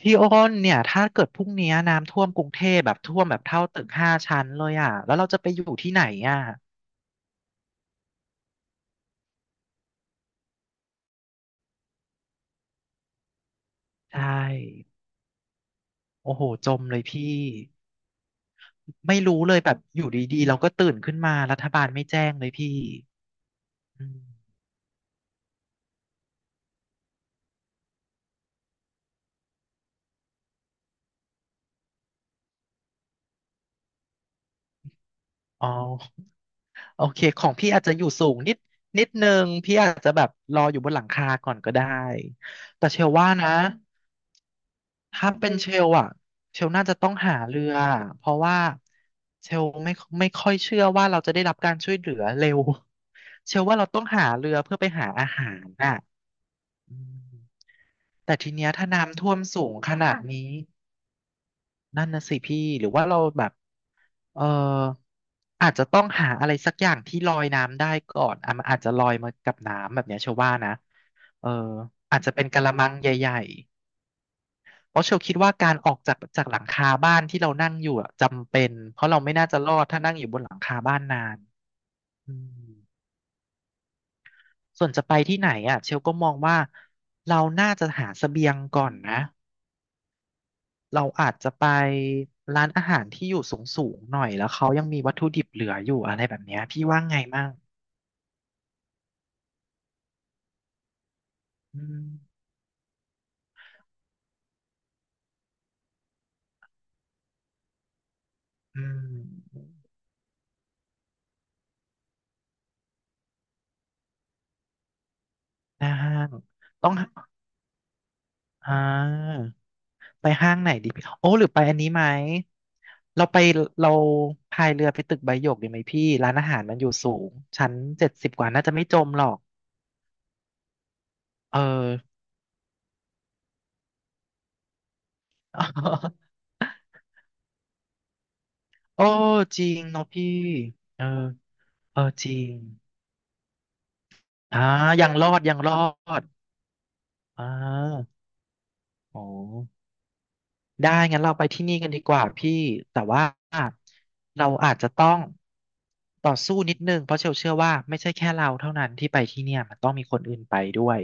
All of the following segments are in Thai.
พี่อ้นเนี่ยถ้าเกิดพรุ่งนี้น้ำท่วมกรุงเทพแบบท่วมแบบเท่าตึกห้าชั้นเลยอ่ะแล้วเราจะไปอยู่ที่ไหนอ่ะใช่โอ้โหจมเลยพี่ไม่รู้เลยแบบอยู่ดีๆเราก็ตื่นขึ้นมารัฐบาลไม่แจ้งเลยพี่อืมอ๋อโอเคของพี่อาจจะอยู่สูงนิดนึงพี่อาจจะแบบรออยู่บนหลังคาก่อนก็ได้แต่เชื่อว่านะ ถ้าเป็นเชลอะเชลน่าจะต้องหาเรือเพราะว่าเชลไม่ค่อยเชื่อว่าเราจะได้รับการช่วยเหลือเร็ว เชลว่าเราต้องหาเรือเพื่อไปหาอาหารน่ะอืมแต่ทีเนี้ยถ้าน้ำท่วมสูงขนาดนี้นั่นนะสิพี่หรือว่าเราแบบเอออาจจะต้องหาอะไรสักอย่างที่ลอยน้ำได้ก่อนอ่ะมันอาจจะลอยมากับน้ำแบบเนี้ยเชลว่านะเอออาจจะเป็นกะละมังใหญ่ เพราะเชลคิดว่าการออกจากหลังคาบ้านที่เรานั่งอยู่อะจำเป็นเพราะเราไม่น่าจะรอดถ้านั่งอยู่บนหลังคาบ้านนานอืมส่วนจะไปที่ไหนอ่ะเชลก็มองว่าเราน่าจะหาเสบียงก่อนนะเราอาจจะไปร้านอาหารที่อยู่สูงสูงหน่อยแล้วเขายังมีวัตถุดิบเหลืออยู่อะไรแบบเนี้ยพี่ว่าไงมั่งอืมอืมหน้าห้างต้องหาอ่า ไปห้างไหนดีพี่โอ้หรือไปอันนี้ไหมเราไปเราพายเรือไปตึกใบหยกดีไหมพี่ร้านอาหารมันอยู่สูงชั้นเจ็ดสิบกว่าน่าจะไม่จมหรอกเออ โอ้จริงเนาะพี่เออเออจริงอ่ายังรอดยังรอดอ่าโอ้ได้งั้นเราไปที่นี่กันดีกว่าพี่แต่ว่าเราอาจจะต้องต่อสู้นิดนึงเพราะเชลเชื่อว่าไม่ใช่แค่เราเท่านั้นที่ไปที่เนี่ยมันต้องมีคนอื่นไปด้วย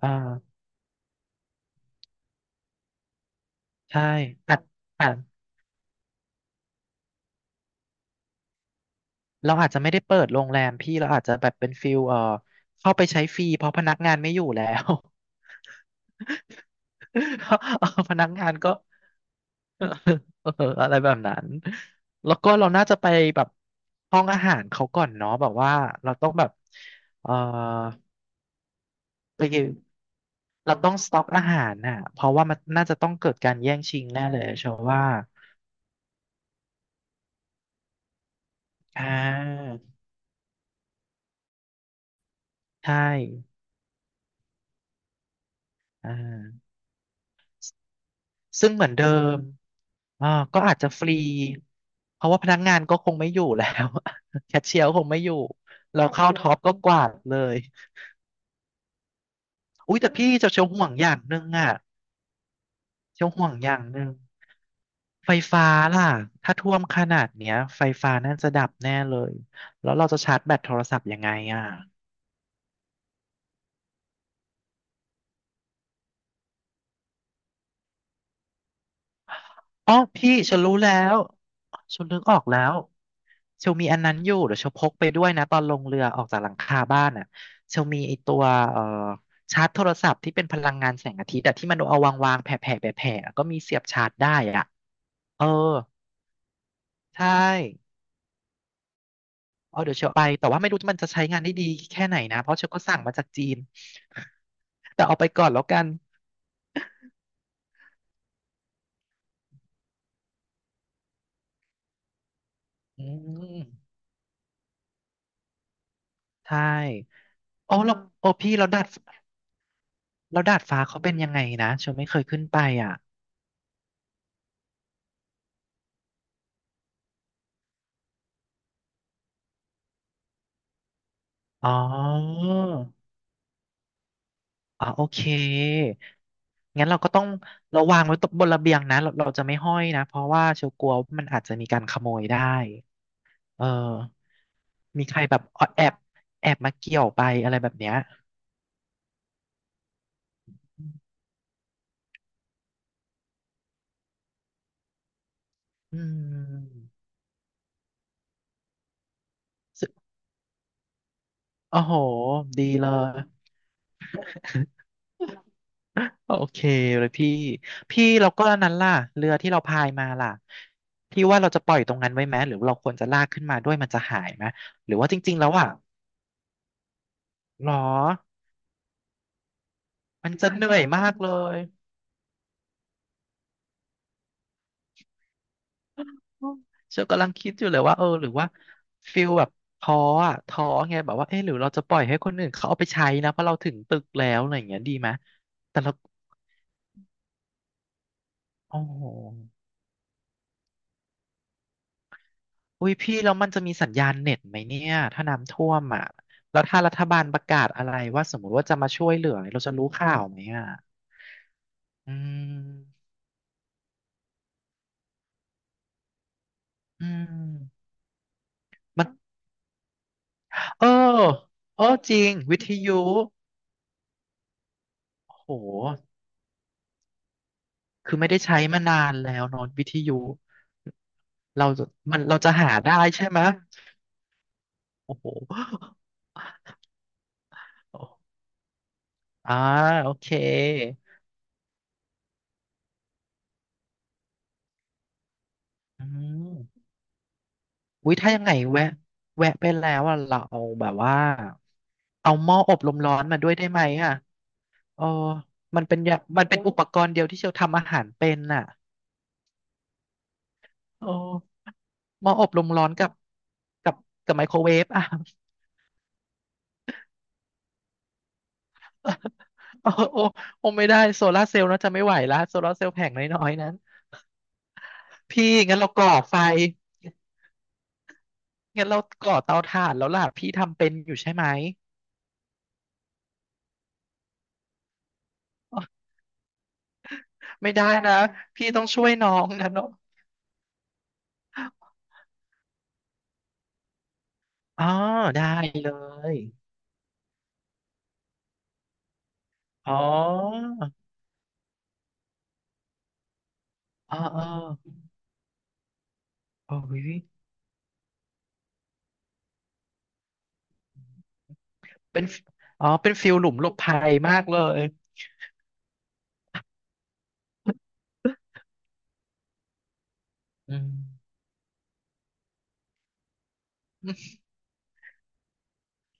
อ่าใช่อาจอาจเราอาจจะไม่ได้เปิดโรงแรมพี่เราอาจจะแบบเป็นฟิลเข้าไปใช้ฟรีเพราะพนักงานไม่อยู่แล้ว เออพนักงานก็ เอออะไรแบบนั้นแล้วก็เราน่าจะไปแบบห้องอาหารเขาก่อนเนาะแบบว่าเราต้องแบบเออไปเราต้องสต็อกอาหารน่ะเพราะว่ามันน่าจะต้องเกิดการแย่งชิงแน่เลยเชื่อว่าอ่าใช่อ่า ซึ่งเหมือนเดิมอ่าก็อาจจะฟรี เพราะว่าพนักงานก็คงไม่อยู่แล้ว แคชเชียร์ก็คงไม่อยู่เราเข้า ท็อปก็กวาดเลยอุ้ยแต่พี่จะเชียวห่วงอย่างหนึ่งอ่ะเชียวห่วงอย่างหนึ่งไฟฟ้าล่ะถ้าท่วมขนาดเนี้ยไฟฟ้าน่าจะดับแน่เลยแล้วเราจะชาร์จแบตโทรศัพท์ยังไงอ่ะ อ๋อพี่ฉันรู้แล้วฉันนึกออกแล้วเชลมีอันนั้นอยู่เดี๋ยวเชลพกไปด้วยนะตอนลงเรือออกจากหลังคาบ้านอ่ะเชลมีไอตัวเอ่อชาร์จโทรศัพท์ที่เป็นพลังงานแสงอาทิตย์แต่ที่มันเอาวางแผ่แผ่แผ่แผ่ๆก็มีเสียบชาร์จได้อ่ะเออใช่เอาเดี๋ยวเชลไปแต่ว่าไม่รู้มันจะใช้งานได้ดีแค่ไหนนะเพราะเชลก็สั่งมาจากจีน แต่เอาไปก่อนแล้วกันอืมใช่อ๋อแล้เราโอ้พี่เราดาดฟ้าเขาเป็นยังไงนะเชลไม่เคยขึ้นไปอ่ะ อ๋ออ๋อโอเคงั้นเราก็ต้องเราวางไว้ตบบนระเบียงนะเราจะไม่ห้อยนะ เพราะว่าเชียวกลัวว่ามันอาจจะมีการขโมยได้เออมีใครแบบแอบแอบมาเกี่ยวไปอะไรแบบเนี้ยอืมซึ่งโอ้โห ดีเลย โอเคเลยพี่ พี่เราก็อันนั้นล่ะเรือที่เราพายมาล่ะ พี่ว่าเราจะปล่อยตรงนั้นไว้ไหม หรือเราควรจะลากขึ้นมาด้วยมันจะหายไหม หรือว่าจริงๆแล้วอ่ะหรอ มันจะเหนื่อยมากเลยอืมเชลกำลังคิดอยู่เลยว่าเออหรือว่าฟิลแบบท้ออะท้อไงแบบว่าเออหรือเราจะปล่อยให้คนอื่นเขาเอาไปใช้นะเพราะเราถึงตึกแล้วอะไรอย่างเงี้ยดีไหมแต่เราโอ้โหอุ้ยพี่แล้วมันจะมีสัญญาณเน็ตไหมเนี่ยถ้าน้ำท่วมอ่ะแล้วถ้ารัฐบาลประกาศอะไรว่าสมมติว่าจะมาช่วยเหลือเราจะรู้ข่าวไหมอ่ะอืมอืมมันเออเออจริงวิทยุโห คือไม่ได้ใช้มานานแล้วเนอะวิทยุเราจะเราจะหาได้ใช่ไหมโอ้โหโอ้อ่าโอเคอืมอุ้ยถ้ายังไงแวะไปแล้วอ่ะเราเอาแบบว่าเอาหม้ออบลมร้อนมาด้วยได้ไหมอ่ะเออมันเป็นอุปกรณ์เดียวที่เชลทำอาหารเป็นน่ะโอ้หม้ออบลมร้อนกับกับไมโครเวฟอ่ะ โอ้โอ้โอ้ไม่ได้โซลาร์เซลล์เนอะจะไม่ไหวละโซลาร์เซลล์แผงน้อยๆนั้นพี่งั้นเราก่อไฟงั้นเราก่อเตาถ่านแล้วล่ะพี่ทำเป็นอยู่ใช่ไหมไม่ได้นะพี่ต้องช่วยน้องนะเนาะอ๋อได้เลยอ๋ออ๋อโอ้ยเป็นเป็นฟิลหลุมหลบภัยมากเลยอืม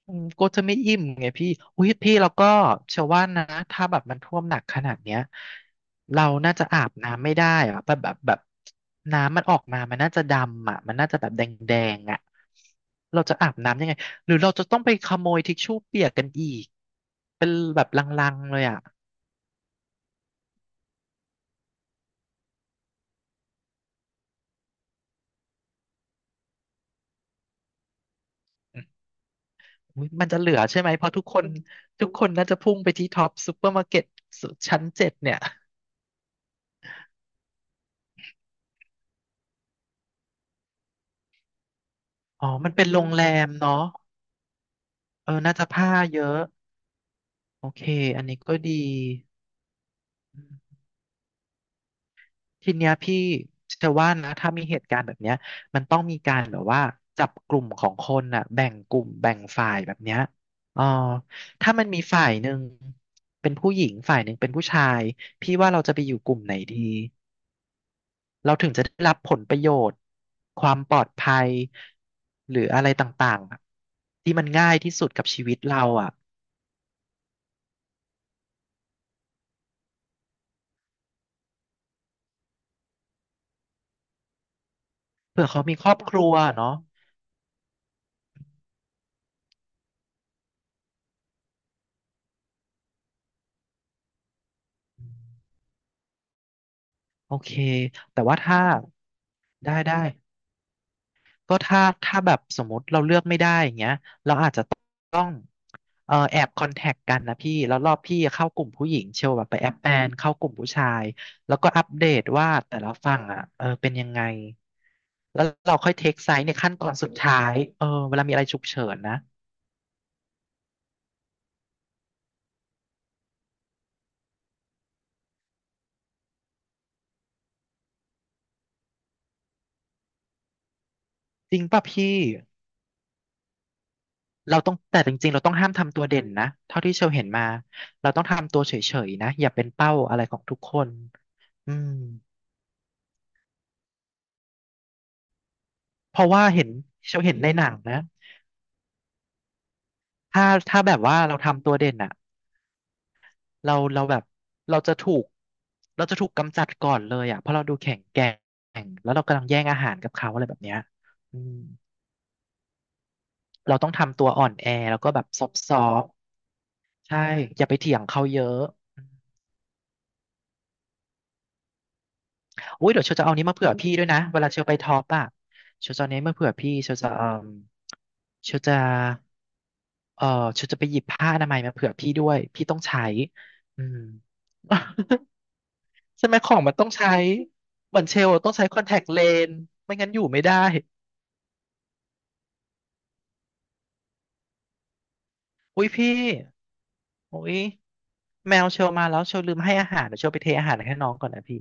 อืมก็จะไม่อิ่มไงพี่อุ้ยพี่แล้วก็เชื่อว่านะถ้าแบบมันท่วมหนักขนาดเนี้ยเราน่าจะอาบน้ำไม่ได้อะแบบน้ำมันออกมามันน่าจะดำอ่ะมันน่าจะแบบแดงแดงอ่ะเราจะอาบน้ำยังไงหรือเราจะต้องไปขโมยทิชชู่เปียกกันอีกเป็นแบบลังๆเลยอ่ะอมอุ้ยมันจะเหลือใช่ไหมเพราะทุกคนน่าจะพุ่งไปที่ท็อปซูเปอร์มาร์เก็ตชั้นเจ็ดเนี่ยอ๋อมันเป็นโรงแรมเนาะเออน่าจะผ้าเยอะ โอเคอันนี้ก็ดีอืมทีเนี้ยพี่จะว่านะถ้ามีเหตุการณ์แบบเนี้ยมันต้องมีการแบบว่าจับกลุ่มของคนน่ะแบ่งกลุ่มแบ่งฝ่ายแบบเนี้ยอ๋อถ้ามันมีฝ่ายหนึ่งเป็นผู้หญิงฝ่ายหนึ่งเป็นผู้ชาย พี่ว่าเราจะไปอยู่กลุ่มไหนดี เราถึงจะได้รับผลประโยชน์ความปลอดภัยหรืออะไรต่างๆอะที่มันง่ายที่สุดกับชีวิตเราอ่ะเผื่อเขามีครอบครัวเนาะโอเคแต่ว่าถ้าได้ ก็ถ้าแบบสมมติเราเลือกไม่ได้อย่างเงี้ยเราอาจจะต้องแอบคอนแทคกันนะพี่แล้วรอบพี่เข้ากลุ่มผู้หญิงเชียวแบบไปแอบแอนเข้ากลุ่มผู้ชายแล้วก็อัปเดตว่าแต่ละฝั่งอ่ะเออเป็นยังไงแล้วเราค่อยเทคไซส์ในขั้นตอนสุดท้ายเออเวลามีอะไรฉุกเฉินนะจริงป่ะพี่เราต้องแต่จริงๆเราต้องห้ามทำตัวเด่นนะเท่าที่เชลเห็นมาเราต้องทำตัวเฉยๆนะอย่าเป็นเป้าอะไรของทุกคนอืมเพราะว่าเห็นเชลเห็นในหนังนะ ถ้าแบบว่าเราทำตัวเด่นอะเราแบบเราจะถูกเราจะถูกกำจัดก่อนเลยอะเพราะเราดูแข็งแกร่งแล้วเรากำลังแย่งอาหารกับเขาอะไรแบบเนี้ยอืมเราต้องทำตัวอ่อนแอแล้วก็แบบซอฟต์ๆใช่อย่าไปเถียงเขาเยอะอุ้ยเดี๋ยวเชลจะเอานี้มาเผื่อพี่ด้วยนะเวลาเชลไปท็อปอะเชลจะเอานี้มาเผื่อพี่เชลจะเออเชลจะไปหยิบผ้าอนามัยมาเผื่อพี่ด้วยพี่ต้องใช้อืม ใช่ไหมของมันต้องใช้เหมือนเชลล์ต้องใช้คอนแทคเลนส์ไม่งั้นอยู่ไม่ได้อุ้ยพี่อุ้ยแมวเชลมาแล้วเชลลืมให้อาหารเดี๋ยวเชลไปเทอาหารให้น้องก่อนนะพี่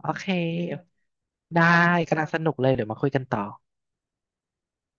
โอเคได้กำลังสนุกเลยเดี๋ยวมาคุยกันต่อ